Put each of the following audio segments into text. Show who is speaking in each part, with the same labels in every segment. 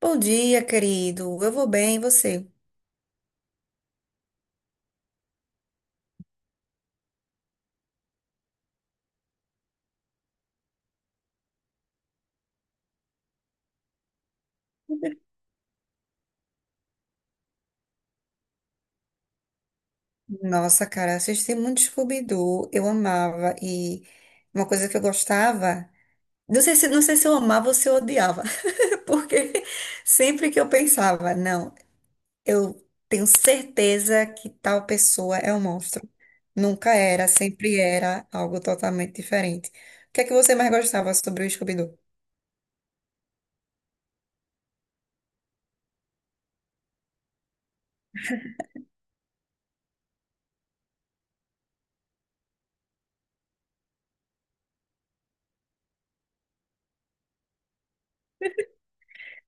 Speaker 1: Bom dia, querido. Eu vou bem, e você? Nossa, cara, assisti muito Scooby-Doo. Eu amava e uma coisa que eu gostava, não sei se eu amava ou se eu odiava, porque sempre que eu pensava, não, eu tenho certeza que tal pessoa é um monstro. Nunca era, sempre era algo totalmente diferente. O que é que você mais gostava sobre o Scooby-Doo?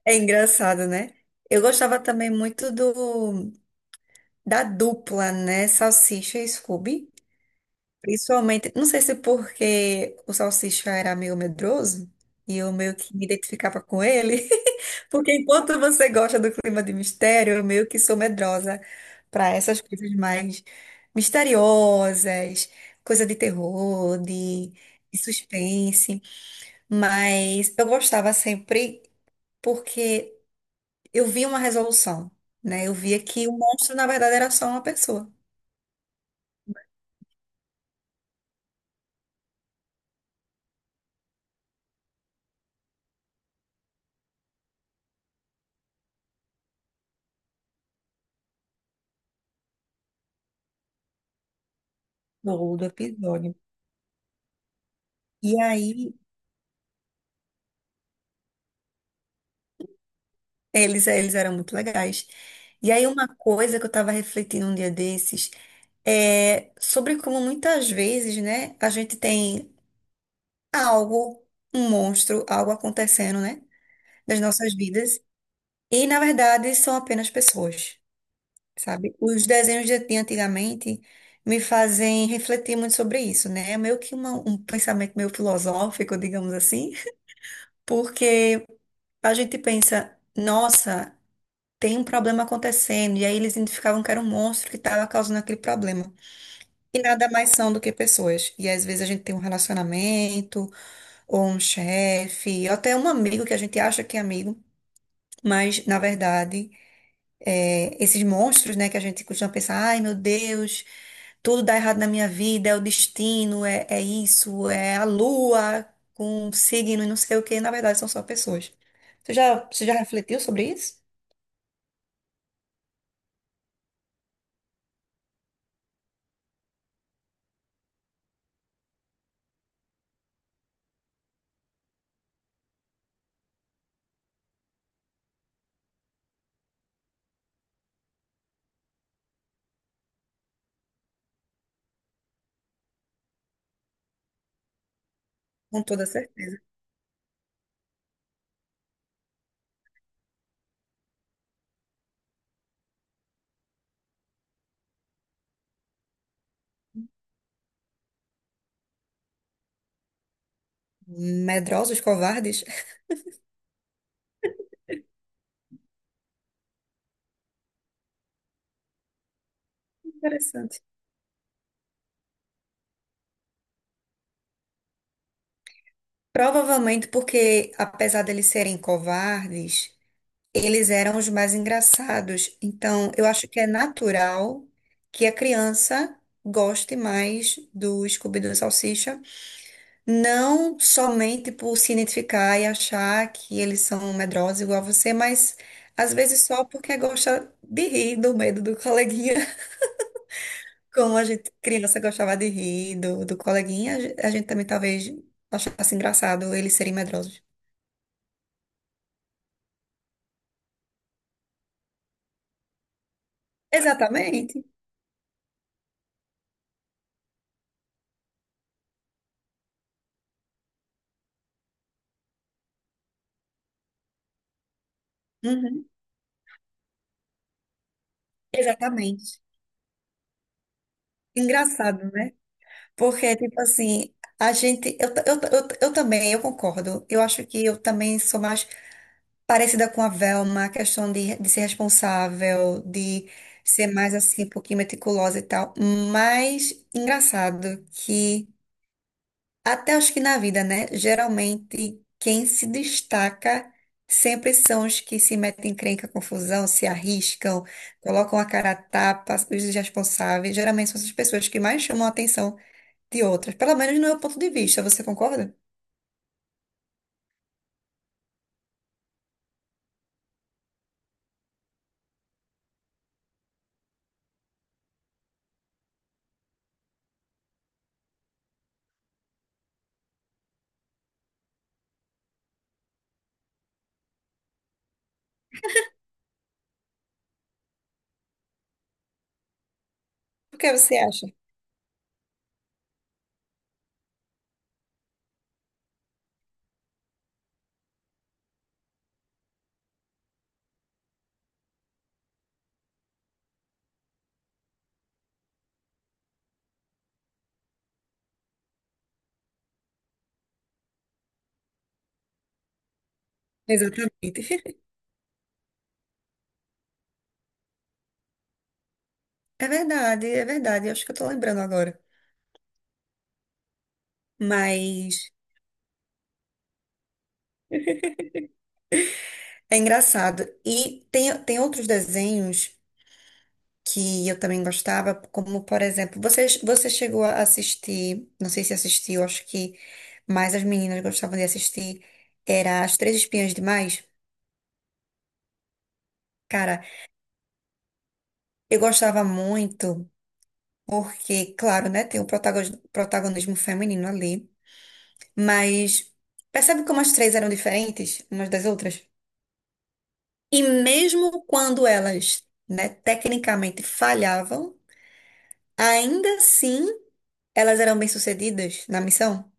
Speaker 1: É engraçado, né? Eu gostava também muito do da dupla, né? Salsicha e Scooby. Principalmente, não sei se porque o Salsicha era meio medroso e eu meio que me identificava com ele, porque enquanto você gosta do clima de mistério, eu meio que sou medrosa para essas coisas mais misteriosas, coisa de terror, de suspense, mas eu gostava sempre porque eu via uma resolução, né? Eu via que o monstro, na verdade, era só uma pessoa. Todo episódio. E aí. Eles, eles eram muito legais. E aí, uma coisa que eu estava refletindo um dia desses é sobre como muitas vezes, né, a gente tem algo, um monstro, algo acontecendo, né, nas nossas vidas. E, na verdade, são apenas pessoas, sabe? Os desenhos de antigamente me fazem refletir muito sobre isso, né? É meio que um pensamento meio filosófico, digamos assim, porque a gente pensa. Nossa, tem um problema acontecendo, e aí eles identificavam que era um monstro que estava causando aquele problema. E nada mais são do que pessoas. E às vezes a gente tem um relacionamento, ou um chefe, ou até um amigo que a gente acha que é amigo, mas na verdade, esses monstros, né, que a gente costuma pensar, ai meu Deus, tudo dá errado na minha vida, é o destino, é isso, é a lua com um signo e não sei o que, na verdade são só pessoas. Você já refletiu sobre isso? Com toda certeza. Medrosos, covardes? Interessante. Provavelmente porque, apesar deles serem covardes, eles eram os mais engraçados. Então, eu acho que é natural que a criança goste mais do Scooby-Doo e Salsicha, não somente por se identificar e achar que eles são medrosos igual a você, mas às vezes só porque gosta de rir do medo do coleguinha. Como a gente, criança, gostava de rir do coleguinha, a gente também talvez achasse engraçado eles serem medrosos. Exatamente. Uhum. Exatamente. Engraçado, né? Porque, tipo assim, a gente. Eu também, eu concordo. Eu acho que eu também sou mais parecida com a Velma, a questão de ser responsável, de ser mais assim, um pouquinho meticulosa e tal. Mas engraçado que. Até acho que na vida, né? Geralmente, quem se destaca sempre são os que se metem em encrenca, confusão, se arriscam, colocam a cara a tapa, os irresponsáveis. Geralmente são essas pessoas que mais chamam a atenção de outras. Pelo menos no meu ponto de vista, você concorda? O que você acha? Exatamente. É verdade, é verdade. Eu acho que eu tô lembrando agora. Mas é engraçado. E tem outros desenhos. Que eu também gostava, como por exemplo, você chegou a assistir, não sei se assistiu, acho que mais as meninas gostavam de assistir, era As Três Espiãs Demais. Cara, eu gostava muito, porque, claro, né, tem o protagonismo feminino ali, mas percebe como as três eram diferentes umas das outras? E mesmo quando elas, né, tecnicamente falhavam, ainda assim elas eram bem-sucedidas na missão.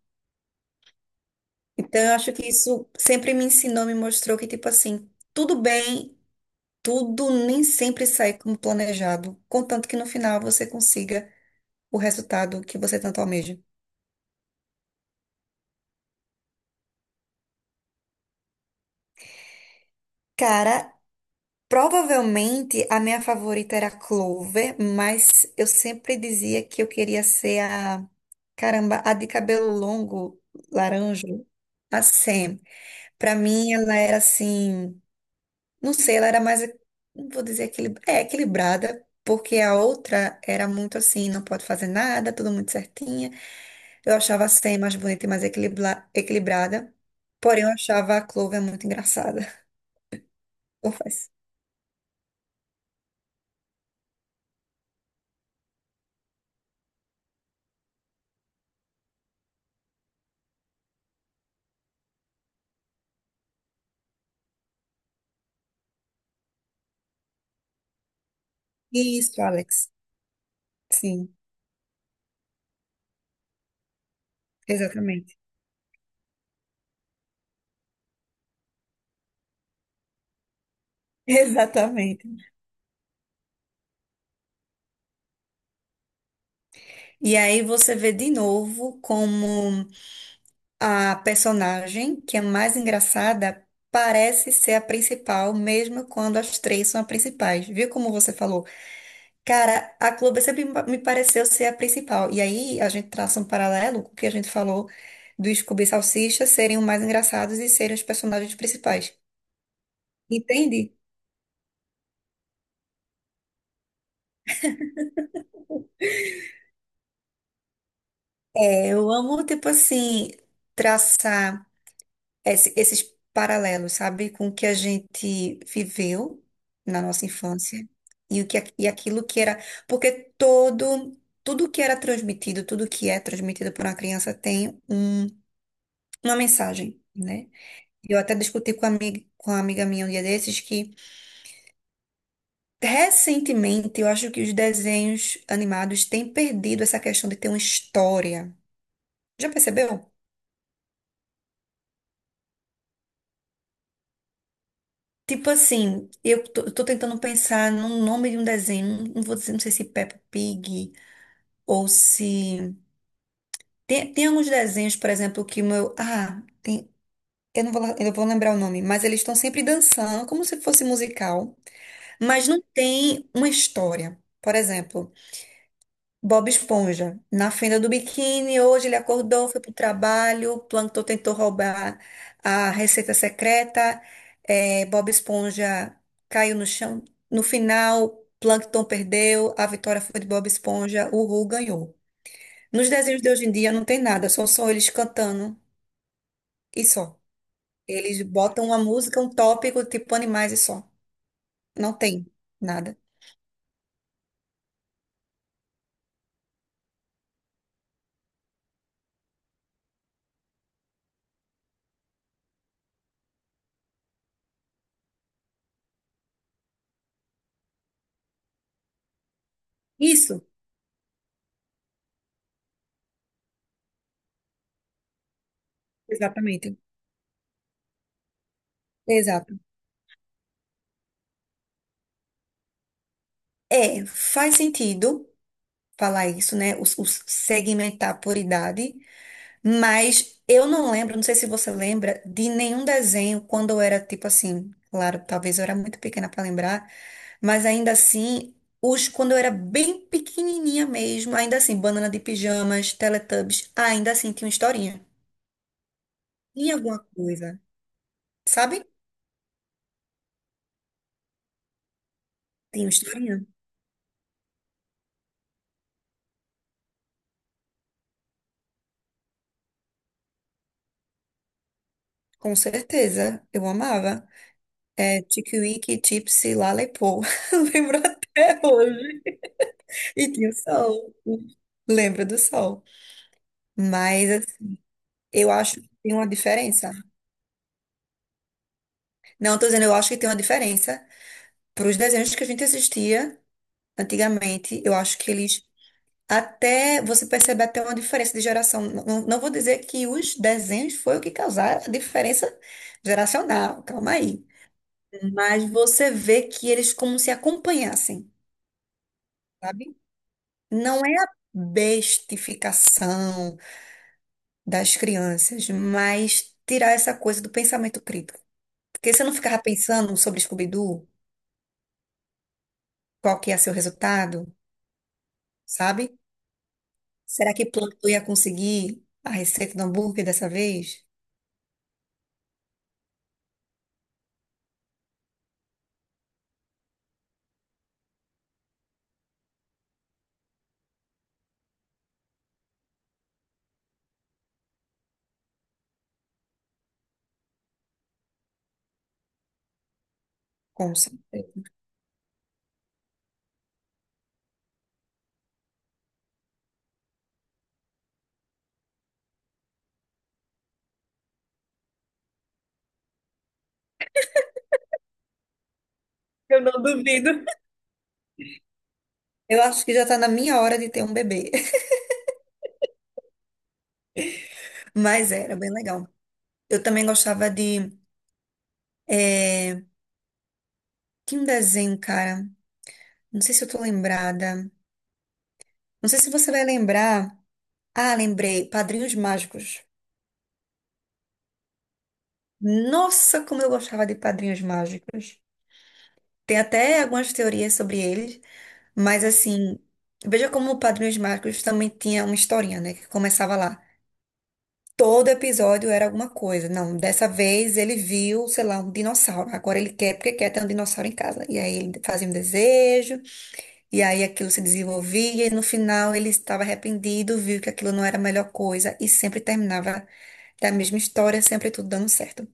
Speaker 1: Então, eu acho que isso sempre me ensinou, me mostrou que, tipo assim, tudo bem, tudo nem sempre sai como planejado, contanto que no final você consiga o resultado que você tanto almeja. Cara, provavelmente a minha favorita era a Clover, mas eu sempre dizia que eu queria ser a, caramba, a de cabelo longo, laranja, a Sam. Pra mim, ela era assim. Não sei, ela era mais, não vou dizer equilibrada, porque a outra era muito assim, não pode fazer nada, tudo muito certinha. Eu achava a Sam mais bonita e mais equilibrada, porém eu achava a Clover muito engraçada, confesso. Isso, Alex. Sim, exatamente. Exatamente. E aí você vê de novo como a personagem, que é mais engraçada, parece ser a principal, mesmo quando as três são as principais. Viu como você falou? Cara, a Globo sempre me pareceu ser a principal. E aí a gente traça um paralelo com o que a gente falou do Scooby e Salsicha serem os mais engraçados e serem os personagens principais. Entende? É, eu amo, tipo assim, traçar esses paralelos, sabe? Com o que a gente viveu na nossa infância e, e aquilo que era. Porque tudo que era transmitido, tudo que é transmitido por uma criança tem um, uma mensagem. Né? Eu até discuti com uma amiga minha um dia desses que, recentemente, eu acho que os desenhos animados têm perdido essa questão de ter uma história. Já percebeu? Tipo assim, eu tô tentando pensar no nome de um desenho, não vou dizer, não sei se Peppa Pig ou se... tem alguns desenhos, por exemplo, que o meu... Ah, tem, eu não vou, lá- eu vou lembrar o nome, mas eles estão sempre dançando, como se fosse musical, mas não tem uma história. Por exemplo... Bob Esponja, na fenda do biquíni, hoje ele acordou, foi pro trabalho, o Plankton tentou roubar a receita secreta, Bob Esponja caiu no chão. No final, Plankton perdeu, a vitória foi de Bob Esponja, o Ru ganhou. Nos desenhos de hoje em dia não tem nada, são só eles cantando e só. Eles botam uma música, um tópico, tipo animais e só. Não tem nada. Isso, exatamente. Exato. É, faz sentido. Falar isso, né? Os segmentar por idade, mas eu não lembro, não sei se você lembra, de nenhum desenho quando eu era tipo assim, claro, talvez eu era muito pequena para lembrar, mas ainda assim, os quando eu era bem pequenininha mesmo, ainda assim, Banana de Pijamas, Teletubbies, ainda assim tinha uma historinha, tinha alguma coisa, sabe? Tinha uma historinha. Com certeza, eu amava. É, Tickwick, Tipsy, Lalepô. Lembro até hoje. E tinha o sol. Lembra do sol. Mas assim, eu acho que tem uma diferença. Não, tô dizendo, eu acho que tem uma diferença. Para os desenhos que a gente assistia antigamente, eu acho que eles até você percebe até uma diferença de geração. Não vou dizer que os desenhos foi o que causaram a diferença geracional, calma aí. Mas você vê que eles como se acompanhassem, sabe? Não é a bestificação das crianças, mas tirar essa coisa do pensamento crítico. Porque você não ficava pensando sobre Scooby-Doo, qual que ia ser o resultado, sabe? Será que Plantão ia conseguir a receita do hambúrguer dessa vez? Com certeza. Eu não duvido. Eu acho que já está na minha hora de ter um bebê. Mas era bem legal. Eu também gostava de. É, tem um desenho, cara. Não sei se eu tô lembrada. Não sei se você vai lembrar. Ah, lembrei. Padrinhos Mágicos. Nossa, como eu gostava de Padrinhos Mágicos. Tem até algumas teorias sobre eles, mas assim, veja como o Padrinhos Mágicos também tinha uma historinha, né? Que começava lá. Todo episódio era alguma coisa. Não, dessa vez ele viu, sei lá, um dinossauro. Agora ele quer porque quer ter um dinossauro em casa. E aí ele fazia um desejo. E aí aquilo se desenvolvia e no final ele estava arrependido, viu que aquilo não era a melhor coisa e sempre terminava da mesma história, sempre tudo dando certo.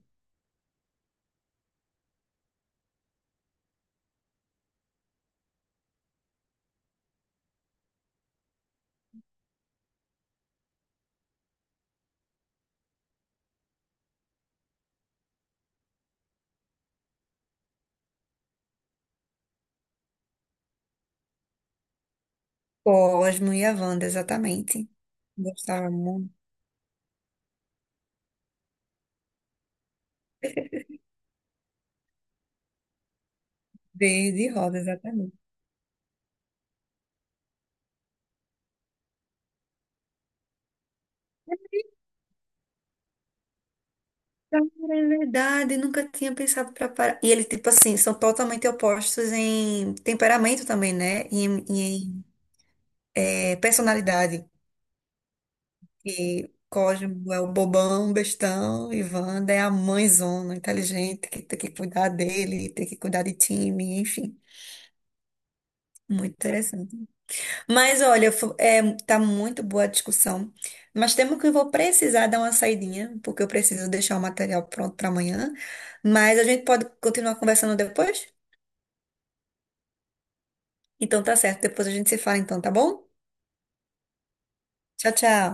Speaker 1: Cosmo e a Wanda, exatamente. Gostava muito. Verde e rosa, exatamente. Cara, é verdade, nunca tinha pensado pra parar. E eles, tipo assim, são totalmente opostos em temperamento também, né? E em personalidade. E Cosmo é o bobão, bestão, e Wanda é a mãezona, inteligente, que tem que cuidar dele, tem que cuidar de time, enfim. Muito interessante. Mas olha, tá muito boa a discussão, mas temo que eu vou precisar dar uma saidinha, porque eu preciso deixar o material pronto para amanhã. Mas a gente pode continuar conversando depois? Então tá certo, depois a gente se fala então, tá bom? Tchau, tchau.